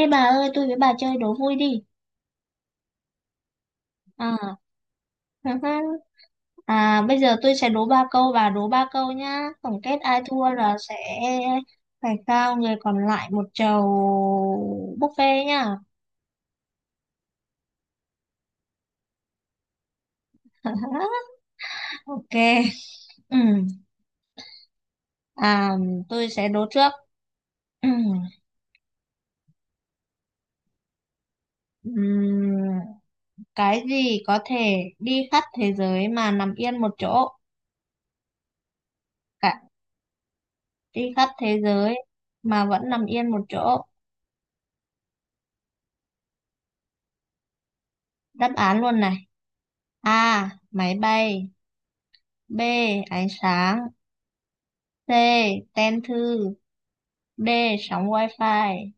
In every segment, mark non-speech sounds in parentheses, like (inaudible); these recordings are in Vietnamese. Ê bà ơi, tôi với bà chơi đố vui đi. À, (laughs) à, bây giờ tôi sẽ đố ba câu, bà đố ba câu nhá. Tổng kết ai thua là sẽ phải trao người còn lại một chầu buffet nhá. (laughs) Ok. Ừ. À, tôi sẽ đố trước. Ừ. Ừm, cái gì có thể đi khắp thế giới mà nằm yên một chỗ? Cả đi khắp thế giới mà vẫn nằm yên một chỗ. Đáp án luôn này. A. Máy bay. B. Ánh sáng. C. Tem thư. D. Sóng wifi.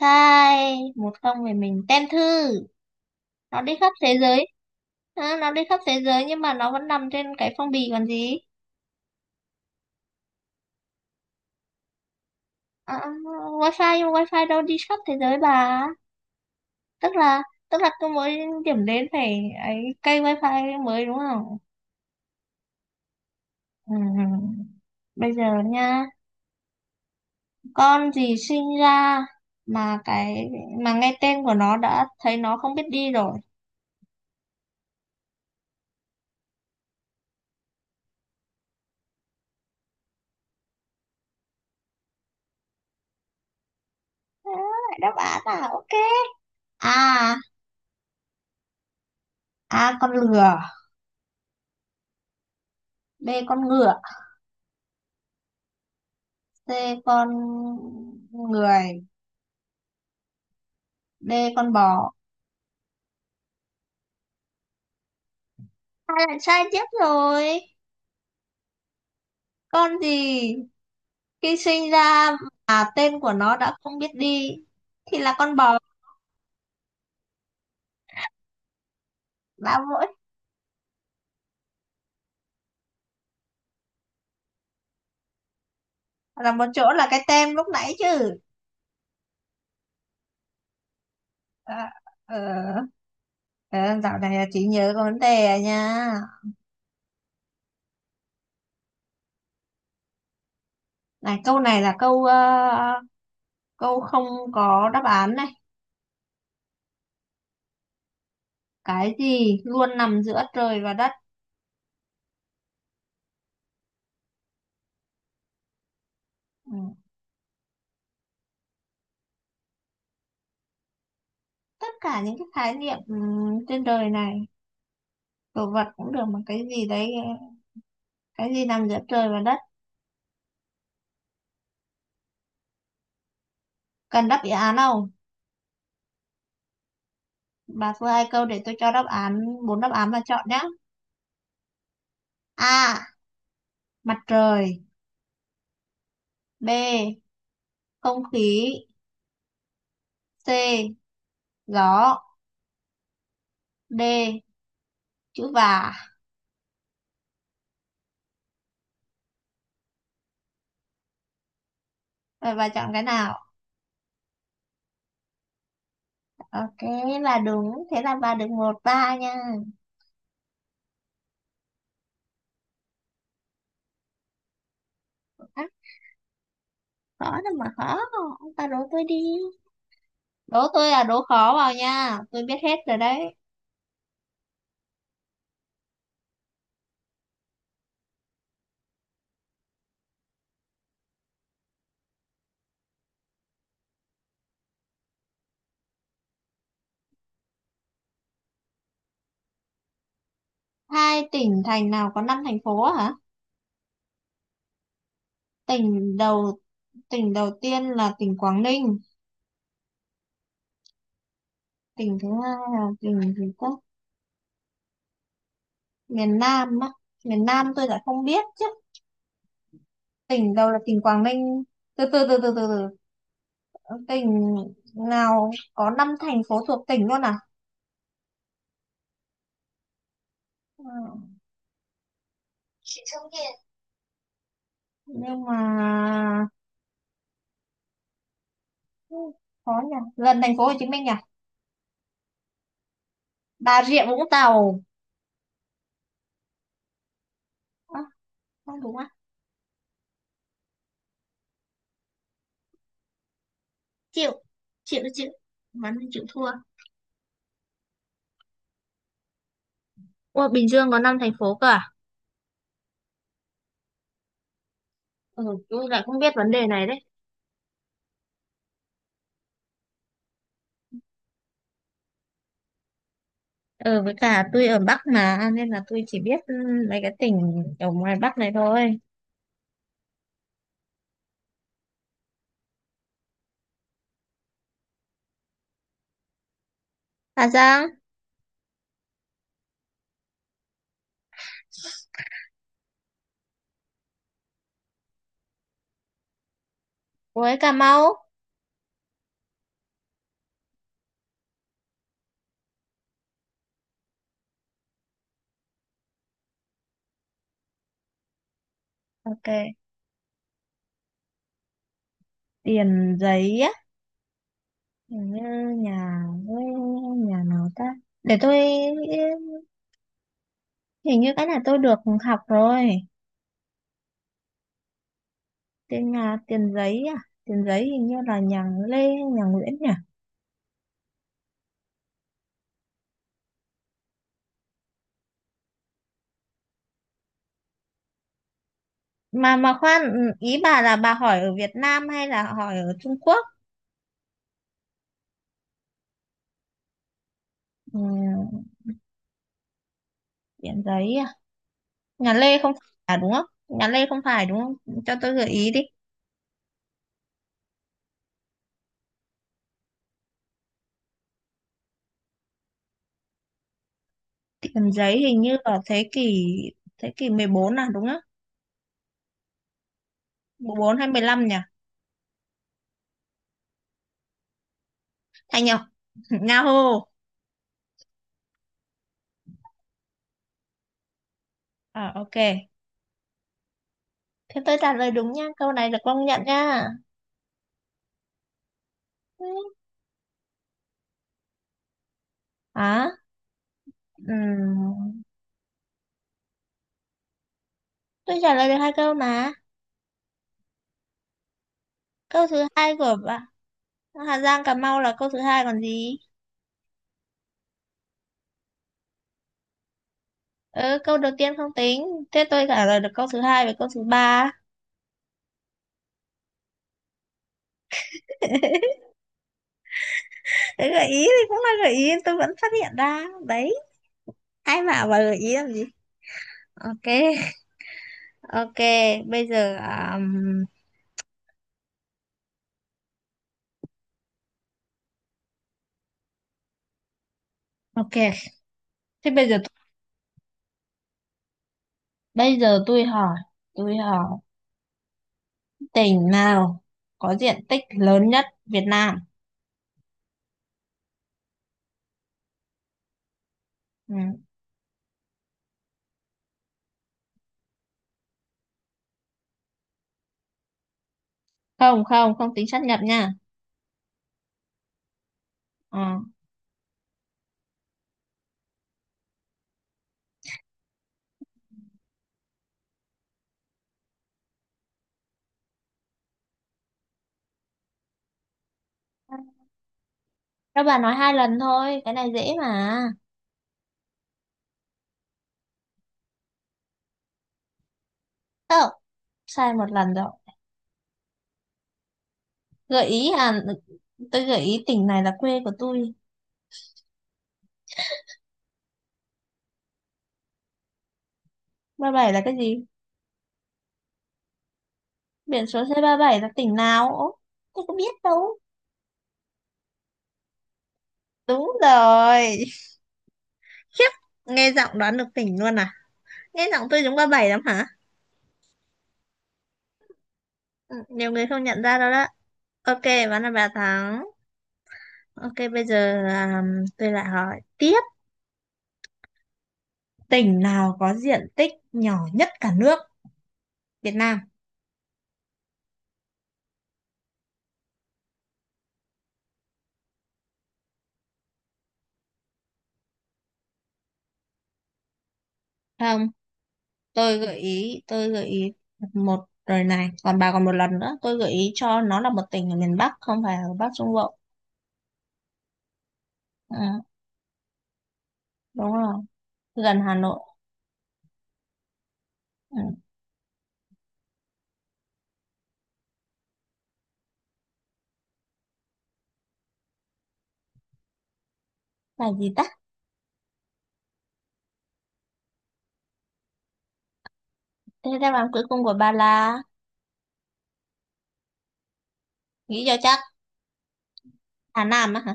Sai. 1-0 về mình. Tem thư. Nó đi khắp thế giới. Ờ, nó đi khắp thế giới nhưng mà nó vẫn nằm trên cái phong bì còn gì. Ờ, wifi nhưng mà wifi đâu đi khắp thế giới bà. Tức là Tức là cứ mỗi điểm đến phải ấy, cây wifi mới đúng không. Ừ. Bây giờ nha, con gì sinh ra mà cái mà nghe tên của nó đã thấy nó không biết đi rồi. Đó, đáp án là ok. A. A con lừa. B con ngựa. C con người. D con bò. Hai lần sai tiếp rồi. Con gì khi sinh ra mà tên của nó đã không biết đi thì là con bò. Đã mỗi là một chỗ là cái tem lúc nãy chứ. À, ờ, ờ, dạo này là chỉ nhớ có vấn đề à nha. Này, câu này là câu không có đáp án này. Cái gì luôn nằm giữa trời và đất. Ừ. Tất cả những cái khái niệm ừ, trên đời này, đồ vật cũng được mà cái gì đấy. Cái gì nằm giữa trời và đất? Cần đáp án không? Bà thua hai câu để tôi cho đáp án. Bốn đáp án mà chọn nhé. A. Mặt trời. B. Không khí. C. Gió. D. Chữ và. Rồi bà chọn cái nào? Ok, là đúng, thế là bà được 1-3 nha. Á, khó đâu mà khó. Ông ta đố tôi đi. Đố tôi là đố khó vào nha, tôi biết hết rồi đấy. Hai tỉnh thành nào có năm thành phố hả? Tỉnh đầu tỉnh đầu tiên là tỉnh Quảng Ninh, tỉnh thứ hai là tỉnh gì ta? Miền Nam á. Miền Nam tôi lại không biết chứ. Tỉnh đầu là tỉnh Quảng Ninh. Từ từ từ từ từ từ. Tỉnh nào có năm thành phố thuộc tỉnh luôn à? Ừ, nhưng mà ừ, khó nhỉ. Gần thành phố Hồ Chí Minh nhỉ? Bà Rịa Vũng Tàu. À, không đúng à? Chịu chịu chịu mắn thì chịu thua. Ủa, Bình Dương có 5 thành phố cơ à? Ừ, tôi lại không biết vấn đề này đấy. Ờ, với cả tôi ở Bắc mà, nên là tôi chỉ biết ừ, mấy cái tỉnh ở ngoài Bắc này thôi. Hà Giang, với Cà Mau. Ok. Tiền Giấy á. Hình như nhà, với nhà nào ta? Để tôi, hình như cái này tôi được học rồi. Tên nhà Tiền Giấy à? Tiền Giấy hình như là nhà Lê, nhà Nguyễn nhỉ? mà khoan ừ, ý bà là bà hỏi ở Việt Nam hay là hỏi ở Trung Quốc? Ừ, tiền giấy à? Nhà Lê không phải à, đúng không? Nhà Lê không phải đúng không? Cho tôi gợi ý đi. Tiền giấy hình như ở thế kỷ, thế kỷ 14 à đúng không? 14 hay 15 nhỉ? Thành Nhật. (laughs) Yahoo. À, ok, thế tôi trả lời đúng nha, câu này được công nhận nha. Ừ. À, ừm, tôi trả lời được hai câu mà. Câu thứ hai của bà. Hà Giang Cà Mau là câu thứ hai còn gì. Ừ, câu đầu tiên không tính, thế tôi trả lời được câu thứ hai và câu thứ ba. (laughs) Đấy, gợi ý thì cũng là gợi ý tôi vẫn phát hiện ra đấy, ai bảo là gợi ý làm gì. Ok. Ok. Bây giờ ok, thế bây giờ, bây giờ tôi hỏi tỉnh nào có diện tích lớn nhất Việt Nam? Ừ. Không không không tính sát nhập nha. Ờ. Các bạn nói hai lần thôi, cái này dễ mà. Không, sai một lần rồi. Gợi ý à? Tôi gợi ý tỉnh này là quê của tôi. Ba bảy là cái gì? Biển số xe 37 là tỉnh nào? Ố, tôi có biết đâu. Đúng rồi. Khiếp, nghe giọng đoán được tỉnh luôn à? Nghe giọng tôi giống 37 lắm hả? Ừ, nhiều người không nhận ra đâu đó. Ok, bán là bà thắng. Ok, bây giờ à, tôi lại hỏi tiếp, tỉnh nào có diện tích nhỏ nhất cả nước Việt Nam? Không. Tôi gợi ý một rồi này, còn bà còn một lần nữa. Tôi gợi ý cho nó là một tỉnh ở miền Bắc không phải ở Bắc Trung Bộ. Ừ, đúng rồi. Gần Hà Nội. Ừ. Là gì ta? Thế đáp án cuối cùng của bà là, nghĩ cho chắc. Hà Nam á hả?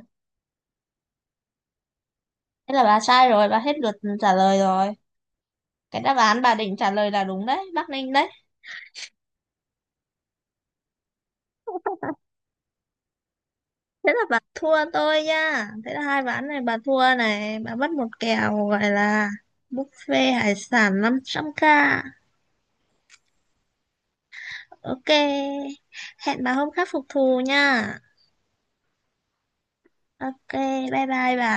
Thế là bà sai rồi, bà hết lượt trả lời rồi. Cái đáp án bà định trả lời là đúng đấy, Bắc Ninh đấy. (laughs) Thế là bà thua tôi nha, thế là hai ván này bà thua này, bà mất một kèo gọi là buffet hải sản 500k. Ok, hẹn bà hôm khác phục thù nha. Ok, bye bye bà.